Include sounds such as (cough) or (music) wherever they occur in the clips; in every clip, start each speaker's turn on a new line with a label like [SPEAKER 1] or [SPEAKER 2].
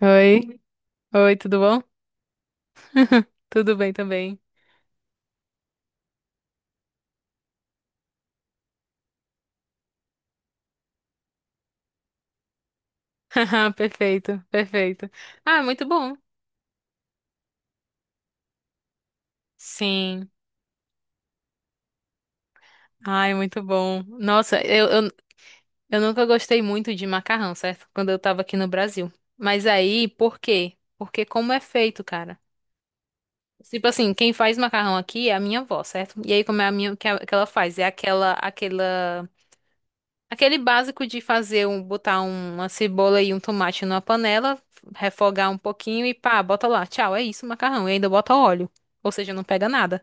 [SPEAKER 1] Oi, oi, tudo bom? (laughs) Tudo bem também. (laughs) Perfeito, perfeito. Ah, muito bom. Sim. Ai, muito bom. Nossa, eu nunca gostei muito de macarrão, certo? Quando eu tava aqui no Brasil. Mas aí, por quê? Porque como é feito, cara? Tipo assim, quem faz macarrão aqui é a minha avó, certo? E aí, como é a minha que, que ela faz? É aquela aquele básico de fazer um, botar uma cebola e um tomate numa panela, refogar um pouquinho e pá, bota lá. Tchau, é isso, o macarrão. E ainda bota óleo. Ou seja, não pega nada.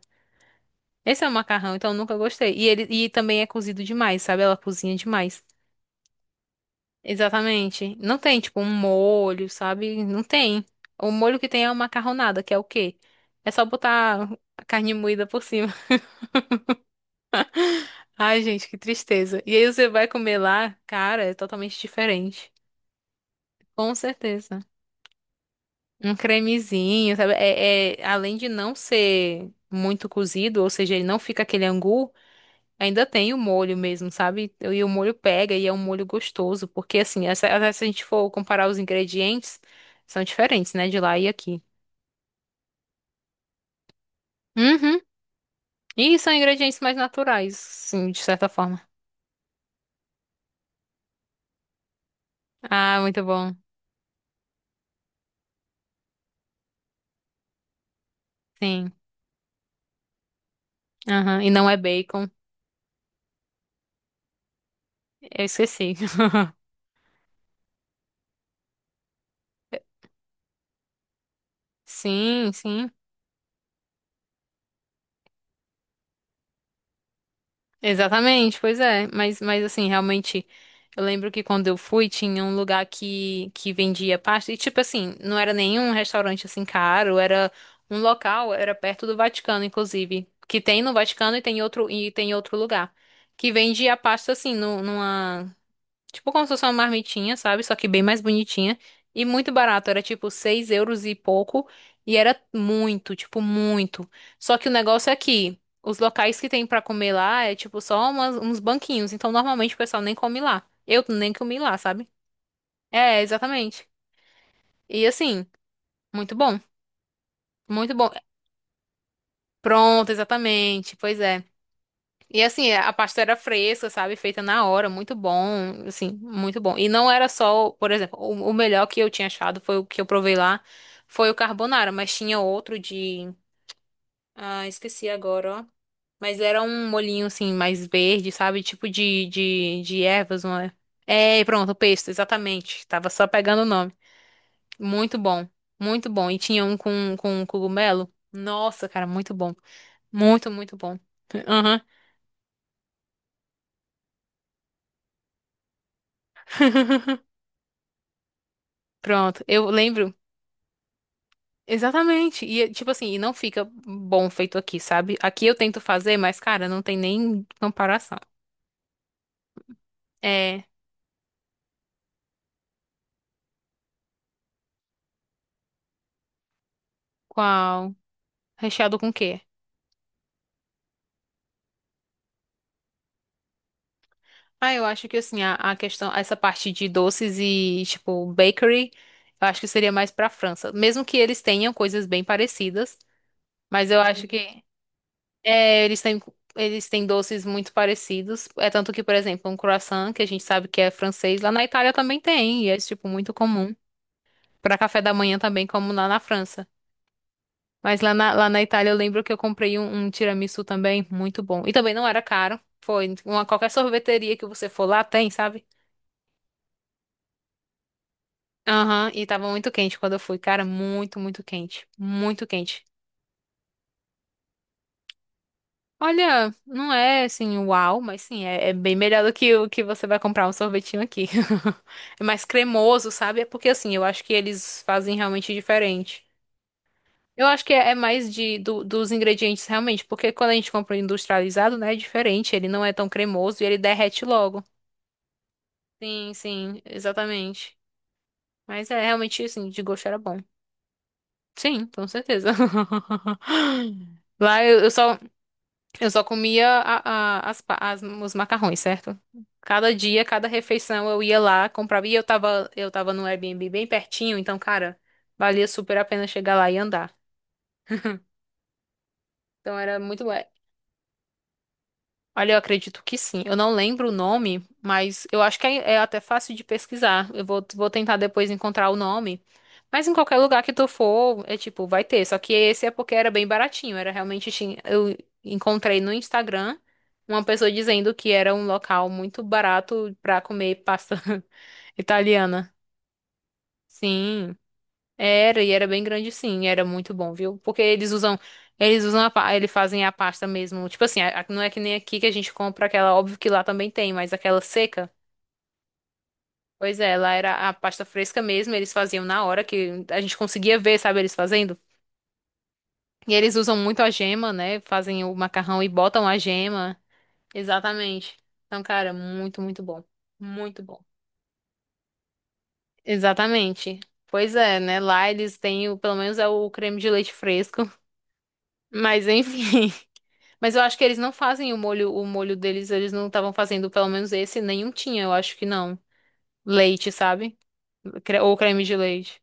[SPEAKER 1] Esse é o macarrão, então eu nunca gostei. E ele também é cozido demais, sabe? Ela cozinha demais. Exatamente. Não tem, tipo, um molho, sabe? Não tem. O molho que tem é uma macarronada, que é o quê? É só botar a carne moída por cima. (laughs) Ai, gente, que tristeza. E aí você vai comer lá, cara, é totalmente diferente. Com certeza. Um cremezinho, sabe? Além de não ser muito cozido, ou seja, ele não fica aquele angu, ainda tem o molho mesmo, sabe? E o molho pega e é um molho gostoso, porque assim, se a gente for comparar os ingredientes, são diferentes, né? De lá e aqui. Uhum. E são ingredientes mais naturais, sim, de certa forma. Ah, muito bom. Sim. Aham. E não é bacon. Eu esqueci. (laughs) Sim, sim. Exatamente, pois é. Mas assim, realmente, eu lembro que quando eu fui, tinha um lugar que vendia pasta. E, tipo assim, não era nenhum restaurante assim caro, era um local, era perto do Vaticano, inclusive. Que tem no Vaticano e tem outro lugar. Que vendia pasta assim, numa. Tipo como se fosse uma marmitinha, sabe? Só que bem mais bonitinha. E muito barato. Era tipo 6 euros e pouco. E era muito, tipo, muito. Só que o negócio é que os locais que tem pra comer lá é tipo só uns banquinhos. Então normalmente o pessoal nem come lá. Eu nem comi lá, sabe? É, exatamente. E assim, muito bom. Muito bom. Pronto, exatamente. Pois é. E assim, é, a pasta era fresca, sabe? Feita na hora, muito bom, assim, muito bom. E não era só, por exemplo, o melhor que eu tinha achado foi o que eu provei lá, foi o carbonara, mas tinha outro de, ah, esqueci agora, ó. Mas era um molhinho assim mais verde, sabe? Tipo de ervas, não é? É, pronto, o pesto, exatamente. Tava só pegando o nome. Muito bom, muito bom. E tinha um com cogumelo. Nossa, cara, muito bom. Muito, muito bom. Aham. (laughs) Pronto, eu lembro exatamente. E, tipo assim, e não fica bom feito aqui, sabe? Aqui eu tento fazer, mas, cara, não tem nem comparação. É, qual? Recheado com o quê? Ah, eu acho que, assim, a questão, essa parte de doces e, tipo, bakery, eu acho que seria mais pra França. Mesmo que eles tenham coisas bem parecidas, mas eu acho que, é, eles têm doces muito parecidos. É tanto que, por exemplo, um croissant, que a gente sabe que é francês, lá na Itália também tem, e é, tipo, muito comum. Pra café da manhã também, como lá na França. Mas lá na Itália eu lembro que eu comprei um tiramisu também, muito bom. E também não era caro. Foi uma qualquer sorveteria que você for lá tem, sabe? Aham, e tava muito quente quando eu fui, cara, muito, muito quente, muito quente. Olha, não é assim, uau, mas sim, é, é bem melhor do que o que você vai comprar um sorvetinho aqui. (laughs) É mais cremoso, sabe? É porque assim, eu acho que eles fazem realmente diferente. Eu acho que é mais de, dos ingredientes realmente, porque quando a gente compra o industrializado, né, é diferente, ele não é tão cremoso e ele derrete logo. Sim, sim, exatamente. Mas é realmente assim, de gosto era bom. Sim, com certeza. (laughs) Lá eu só comia os macarrões, certo? Cada dia, cada refeição eu ia lá, comprava e eu tava no Airbnb bem pertinho, então, cara, valia super a pena chegar lá e andar. Então era muito bom. Olha, eu acredito que sim. Eu não lembro o nome, mas eu acho que é, é até fácil de pesquisar. Vou tentar depois encontrar o nome. Mas em qualquer lugar que tu for, é tipo, vai ter. Só que esse é porque era bem baratinho. Era realmente. Eu encontrei no Instagram uma pessoa dizendo que era um local muito barato pra comer pasta (laughs) italiana. Sim. Era, e era bem grande sim, era muito bom, viu? Porque eles usam a, eles fazem a pasta mesmo. Tipo assim, não é que nem aqui que a gente compra aquela, óbvio que lá também tem, mas aquela seca. Pois é, lá era a pasta fresca mesmo, eles faziam na hora que a gente conseguia ver, sabe, eles fazendo. E eles usam muito a gema, né? Fazem o macarrão e botam a gema. Exatamente. Então, cara, muito, muito bom. Muito bom. Exatamente. Pois é, né? Lá eles têm, pelo menos é o creme de leite fresco. (laughs) Mas enfim. Mas eu acho que eles não fazem o molho deles, eles não estavam fazendo, pelo menos esse, nenhum tinha, eu acho que não. Leite, sabe? Ou creme de leite.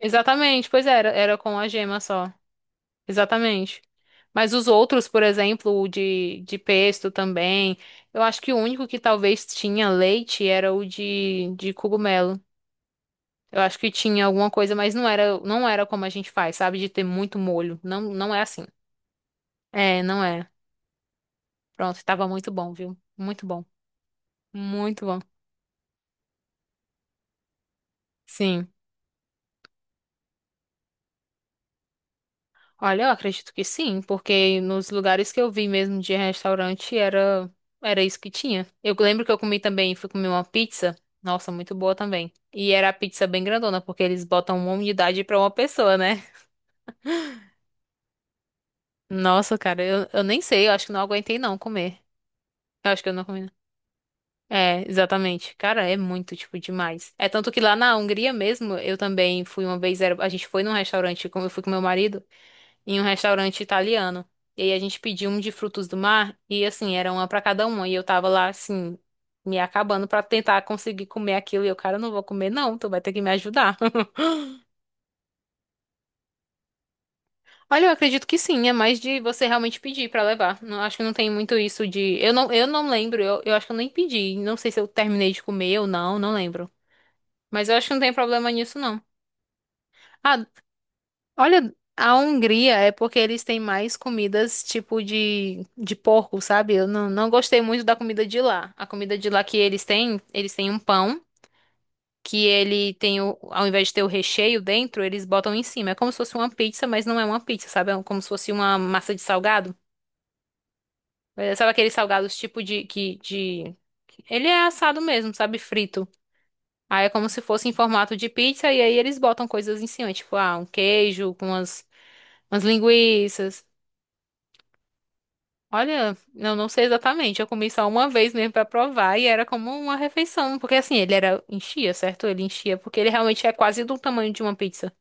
[SPEAKER 1] Exatamente, pois era, era com a gema só. Exatamente. Mas os outros, por exemplo, o de pesto também, eu acho que o único que talvez tinha leite era o de cogumelo. Eu acho que tinha alguma coisa, mas não era como a gente faz, sabe? De ter muito molho. Não, não é assim. É, não é. Pronto, tava muito bom, viu? Muito bom. Muito bom. Sim. Olha, eu acredito que sim, porque nos lugares que eu vi mesmo de restaurante era isso que tinha. Eu lembro que eu comi também, fui comer uma pizza, nossa, muito boa também. E era a pizza bem grandona, porque eles botam uma unidade pra uma pessoa, né? (laughs) Nossa, cara, eu nem sei, eu acho que não aguentei não comer. Eu acho que eu não comi. Não. É, exatamente. Cara, é muito, tipo, demais. É tanto que lá na Hungria mesmo, eu também fui uma vez, a gente foi num restaurante, como eu fui com meu marido. Em um restaurante italiano. E aí a gente pediu um de frutos do mar e assim, era uma pra cada uma e eu tava lá assim, me acabando pra tentar conseguir comer aquilo e eu, cara, eu não vou comer não, tu vai ter que me ajudar. (laughs) Olha, eu acredito que sim, é mais de você realmente pedir pra levar. Não, acho que não tem muito isso de eu não lembro, eu acho que eu nem pedi, não sei se eu terminei de comer ou não, não lembro. Mas eu acho que não tem problema nisso não. Ah, olha, a Hungria é porque eles têm mais comidas tipo de porco, sabe? Eu não gostei muito da comida de lá. A comida de lá que eles têm um pão que ele tem o, ao invés de ter o recheio dentro, eles botam em cima. É como se fosse uma pizza, mas não é uma pizza, sabe? É como se fosse uma massa de salgado. É, sabe aqueles salgados tipo de... Ele é assado mesmo, sabe? Frito. Aí é como se fosse em formato de pizza e aí eles botam coisas em cima, tipo, ah, um queijo com umas, umas linguiças. Olha, eu não sei exatamente. Eu comi só uma vez mesmo pra provar e era como uma refeição, porque assim, ele era enchia, certo? Ele enchia porque ele realmente é quase do tamanho de uma pizza.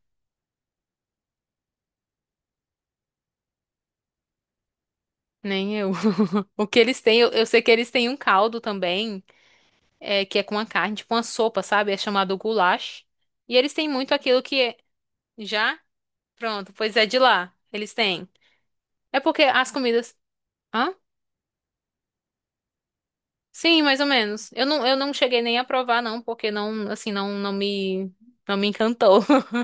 [SPEAKER 1] Nem eu. (laughs) O que eles têm, eu sei que eles têm um caldo também, é, que é com a carne, tipo uma sopa, sabe? É chamado goulash. E eles têm muito aquilo que é... Já pronto, pois é de lá. Eles têm. É porque as comidas, hã? Sim, mais ou menos. Eu não cheguei nem a provar não, porque não, assim, não me encantou. (laughs)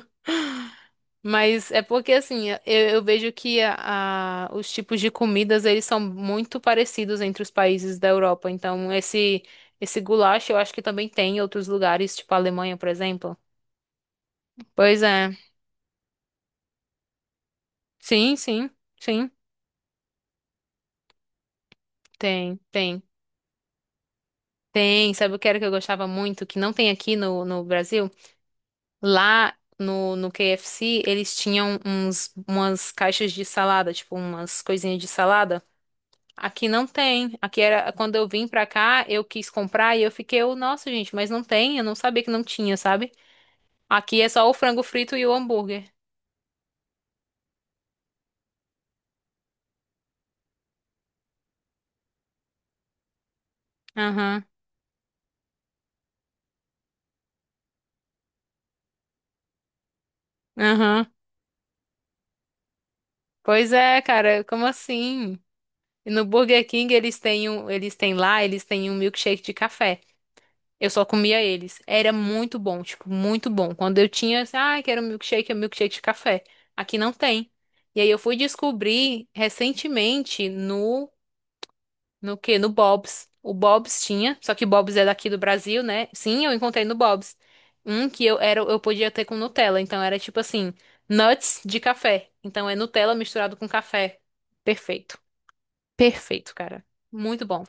[SPEAKER 1] Mas é porque assim, eu vejo que os tipos de comidas eles são muito parecidos entre os países da Europa. Então esse goulash eu acho que também tem em outros lugares, tipo a Alemanha, por exemplo. Pois é. Sim, sim, sim. Tem, tem. Tem. Sabe o que era que eu gostava muito que não tem aqui no, no Brasil? Lá no, no KFC eles tinham uns umas caixas de salada, tipo umas coisinhas de salada. Aqui não tem. Aqui era quando eu vim pra cá, eu quis comprar e eu fiquei, eu, nossa, gente, mas não tem. Eu não sabia que não tinha, sabe? Aqui é só o frango frito e o hambúrguer. Aham, aham. Pois é, cara, como assim? E no Burger King eles têm um, eles têm um milkshake de café. Eu só comia eles. Era muito bom, tipo, muito bom. Quando eu tinha, assim, ah, quero um milkshake, é um milkshake de café. Aqui não tem. E aí eu fui descobrir recentemente no no quê? No Bob's. O Bob's tinha, só que o Bob's é daqui do Brasil, né? Sim, eu encontrei no Bob's. Um que eu era, eu podia ter com Nutella, então era tipo assim, nuts de café. Então é Nutella misturado com café. Perfeito. Perfeito, cara. Muito bom.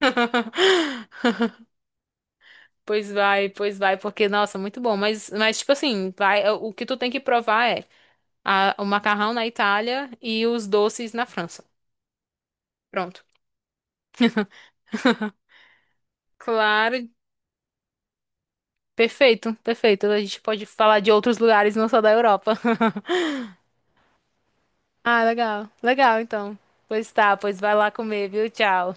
[SPEAKER 1] (laughs) Pois vai, porque nossa, muito bom, mas tipo assim, vai, é, o que tu tem que provar é o macarrão na Itália e os doces na França. Pronto. (laughs) Claro, perfeito, perfeito. A gente pode falar de outros lugares, não só da Europa. (laughs) Ah, legal. Legal, então. Pois tá, pois vai lá comer, viu? Tchau.